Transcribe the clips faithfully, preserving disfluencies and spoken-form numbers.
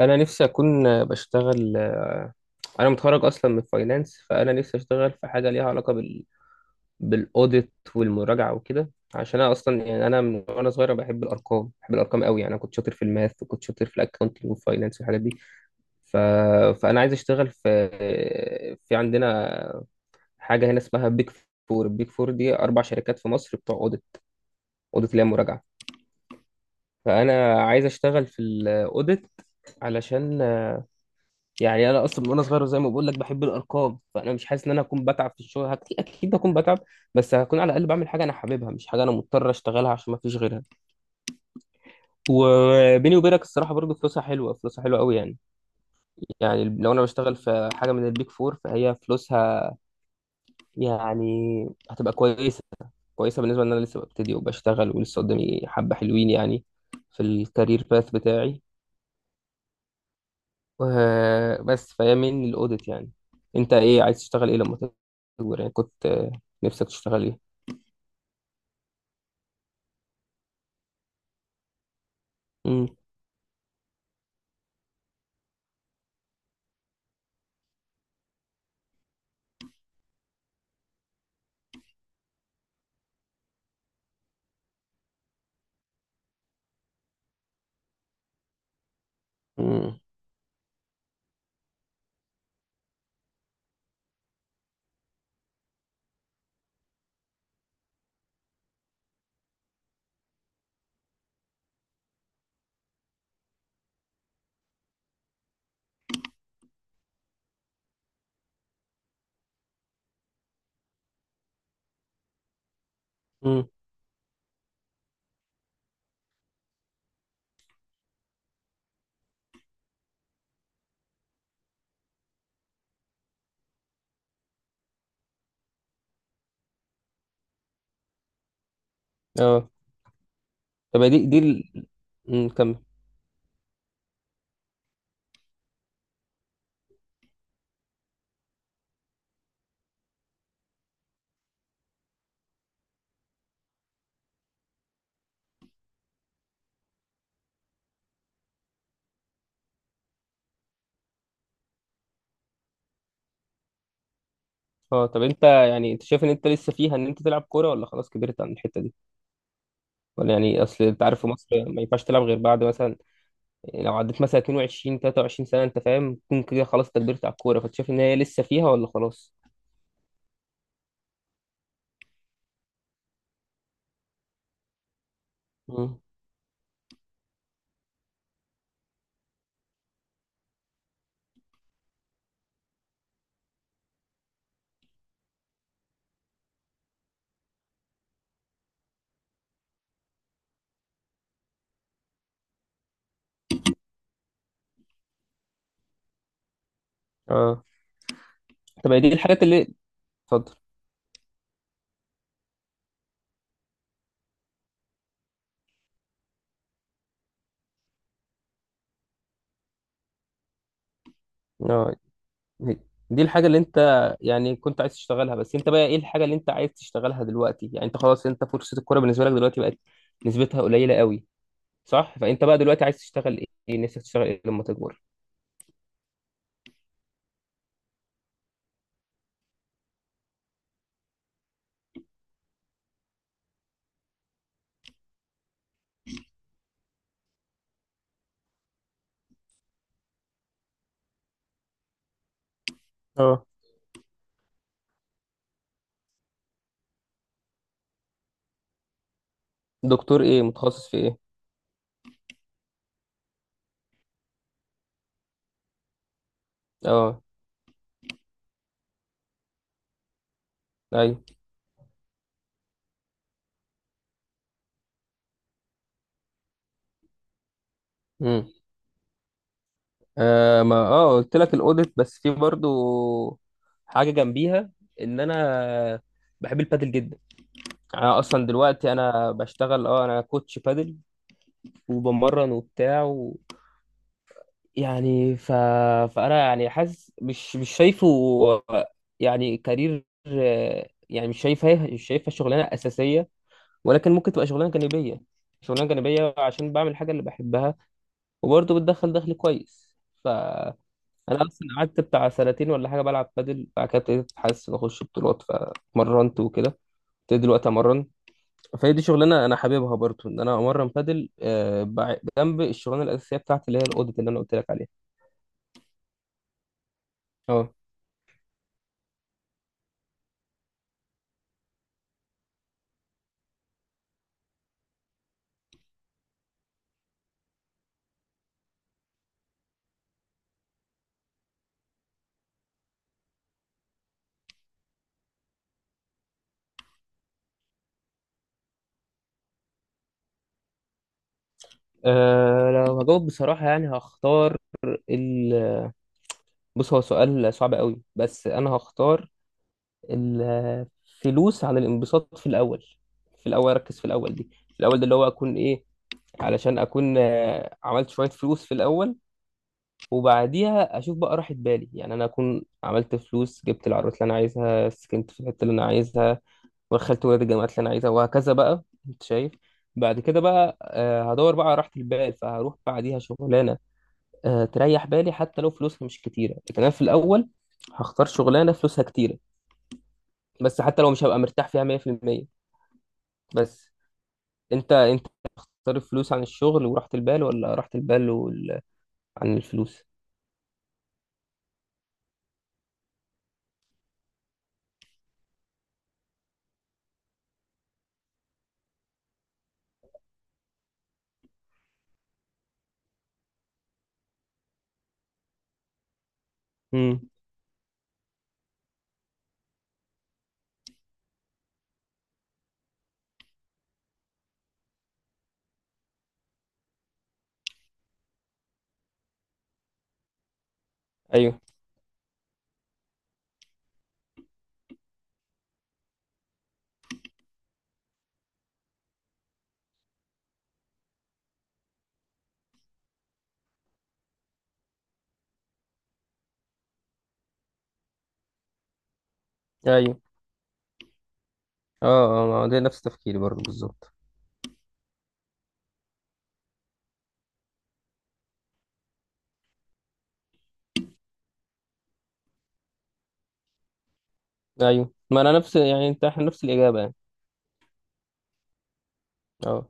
انا نفسي اكون بشتغل. انا متخرج اصلا من فاينانس، فانا نفسي اشتغل في حاجه ليها علاقه بال بالاوديت والمراجعه وكده، عشان انا اصلا يعني انا من وانا صغير أنا بحب الارقام، بحب الارقام قوي يعني. انا كنت شاطر في الماث وكنت شاطر في الاكونتنج والفاينانس والحاجات دي. ف... فانا عايز اشتغل في، في عندنا حاجه هنا اسمها بيج فور. البيج فور دي اربع شركات في مصر بتوع اوديت، اوديت اللي هي مراجعه. فانا عايز اشتغل في الاوديت، علشان يعني انا اصلا من وانا صغير زي ما بقول لك بحب الارقام، فانا مش حاسس ان انا هكون بتعب في الشغل. اكيد اكيد هكون بتعب، بس هكون على الاقل بعمل حاجه انا حاببها، مش حاجه انا مضطر اشتغلها عشان ما فيش غيرها. وبيني وبينك الصراحه برضو فلوسها حلوه، فلوسها حلوه قوي يعني. يعني لو انا بشتغل في حاجه من البيك فور فهي فلوسها يعني هتبقى كويسه، كويسه بالنسبه ان انا لسه ببتدي وبشتغل ولسه قدامي حبه حلوين يعني، في الكارير باث بتاعي. و- بس فهي من الاوديت يعني. انت ايه عايز تشتغل ايه لما تكبر يعني، كنت آه، نفسك تشتغل ايه؟ امم. امم. امم. اه، طب دي دي ال- امم كمل. اه، طب انت يعني انت شايف ان انت لسه فيها ان انت تلعب كوره، ولا خلاص كبرت عن الحته دي؟ ولا يعني، اصل انت عارف في مصر ما ينفعش تلعب غير بعد مثلا، لو عديت مثلا اثنين وعشرين ثلاثة وعشرين سنه انت فاهم، تكون كده خلاص انت كبرت على الكوره. فانت شايف ان هي لسه فيها ولا خلاص؟ امم. اه، طب دي الحاجات اللي، اتفضل. اه، دي الحاجة اللي انت يعني كنت عايز تشتغلها، بس انت بقى ايه الحاجة اللي انت عايز تشتغلها دلوقتي؟ يعني انت خلاص، انت فرصة الكورة بالنسبة لك دلوقتي بقت نسبتها قليلة قوي، صح؟ فانت بقى دلوقتي عايز تشتغل ايه؟ نفسك تشتغل ايه لما تكبر؟ اه. دكتور ايه؟ متخصص في ايه؟ اه. ايوه. امم. آه، ما اه قلت لك الاوديت، بس في برضو حاجة جنبيها، ان انا بحب البادل جدا. يعني انا اصلا دلوقتي انا بشتغل اه انا كوتش بادل، وبمرن وبتاع يعني. ف... فانا يعني حاسس مش مش شايفه يعني كارير، يعني مش شايفها مش شايفها شغلانه اساسيه، ولكن ممكن تبقى شغلانه جانبيه، شغلانه جانبيه عشان بعمل الحاجه اللي بحبها، وبرضه بتدخل دخل كويس. فانا اصلا قعدت بتاع سنتين ولا حاجه بلعب بادل، بعد كده ابتديت حاسس ان اخش بطولات، فمرنت وكده، ابتديت دلوقتي امرن. فهي دي شغلانه انا حاببها برضه، ان انا امرن بادل آه، بع- جنب الشغلانه الاساسيه بتاعتي اللي هي الاوديت اللي انا قلت لك عليها. اه أه لو هجاوب بصراحة، يعني هختار ال... بص هو سؤال صعب قوي، بس أنا هختار الفلوس عن الانبساط في الأول. في الأول أركز في الأول دي، في الأول ده اللي هو أكون إيه، علشان أكون آه، عملت شوية فلوس في الأول، وبعديها أشوف بقى راحة بالي. يعني أنا أكون عملت فلوس، جبت العربيات اللي أنا عايزها، سكنت في الحتة اللي أنا عايزها، ودخلت ولاد الجامعات اللي أنا عايزها وهكذا بقى، أنت شايف. بعد كده بقى آه، هدور بقى على راحة البال، فهروح بعديها شغلانة آه، تريح بالي، حتى لو فلوسها مش كتيرة. لكن أنا في الأول هختار شغلانة فلوسها كتيرة، بس حتى لو مش هبقى مرتاح فيها مية في المية. بس أنت أنت تختار الفلوس عن الشغل وراحة البال، ولا راحة البال وال... عن الفلوس؟ امم. أيوه. أيوه. أه. أه، ما هو ده نفس تفكيري برضه بالظبط. أيوه، ما أنا نفس، يعني أنت، إحنا نفس الإجابة يعني. أه.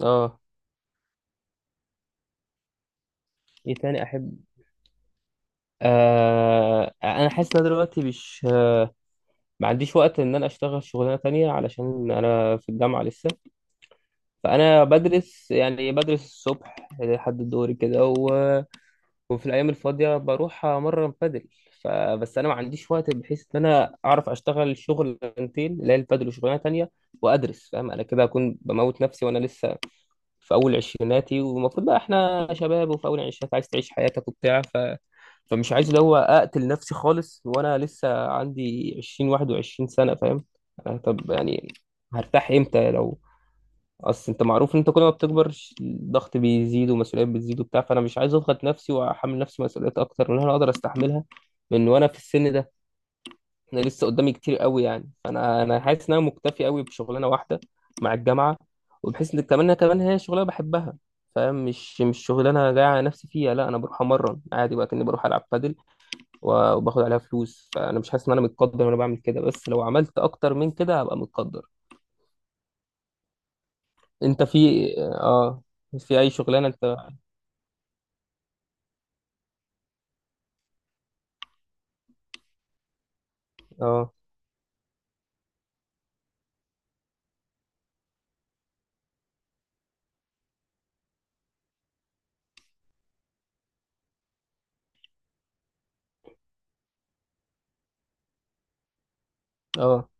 أه. إيه تاني أحب؟ آه، أنا حاسس إن أنا دلوقتي مش، آه ما عنديش وقت إن أنا أشتغل شغلانة تانية، علشان أنا في الجامعة لسه. فأنا بدرس يعني، بدرس الصبح لحد الظهر كده و... وفي الأيام الفاضية بروح أمرن بادل. فبس أنا ما عنديش وقت بحيث إن أنا أعرف أشتغل شغلانتين، اللي هي البادل وشغلانة تانية، وأدرس فاهم. أنا كده هكون بموت نفسي وأنا لسه في أول عشريناتي، والمفروض بقى إحنا شباب وفي أول عشرينات عايز تعيش حياتك وبتاع. ف... فمش عايز اللي هو أقتل نفسي خالص وأنا لسه عندي عشرين واحد وعشرين سنة فاهم. أنا طب يعني هرتاح إمتى؟ لو اصل انت معروف ان انت كل ما بتكبر، ش- الضغط بيزيد ومسؤوليات بتزيد وبتاع. فانا مش عايز اضغط نفسي واحمل نفسي مسؤوليات اكتر من اللي انا اقدر استحملها من وانا في السن ده. انا لسه قدامي كتير قوي يعني، فانا انا حاسس ان انا مكتفي قوي بشغلانه واحده مع الجامعه، وبحيث ان كمان كمان هي شغلانه بحبها فاهم، مش مش شغلانه جاي على نفسي فيها. لا انا بروح امرن عادي بقى كاني بروح العب بادل، و- وباخد عليها فلوس، فانا مش حاسس ان انا متقدر وانا بعمل كده، بس لو عملت اكتر من كده هبقى متقدر. انت في اه في اي شغلانه انت؟ اه. اه.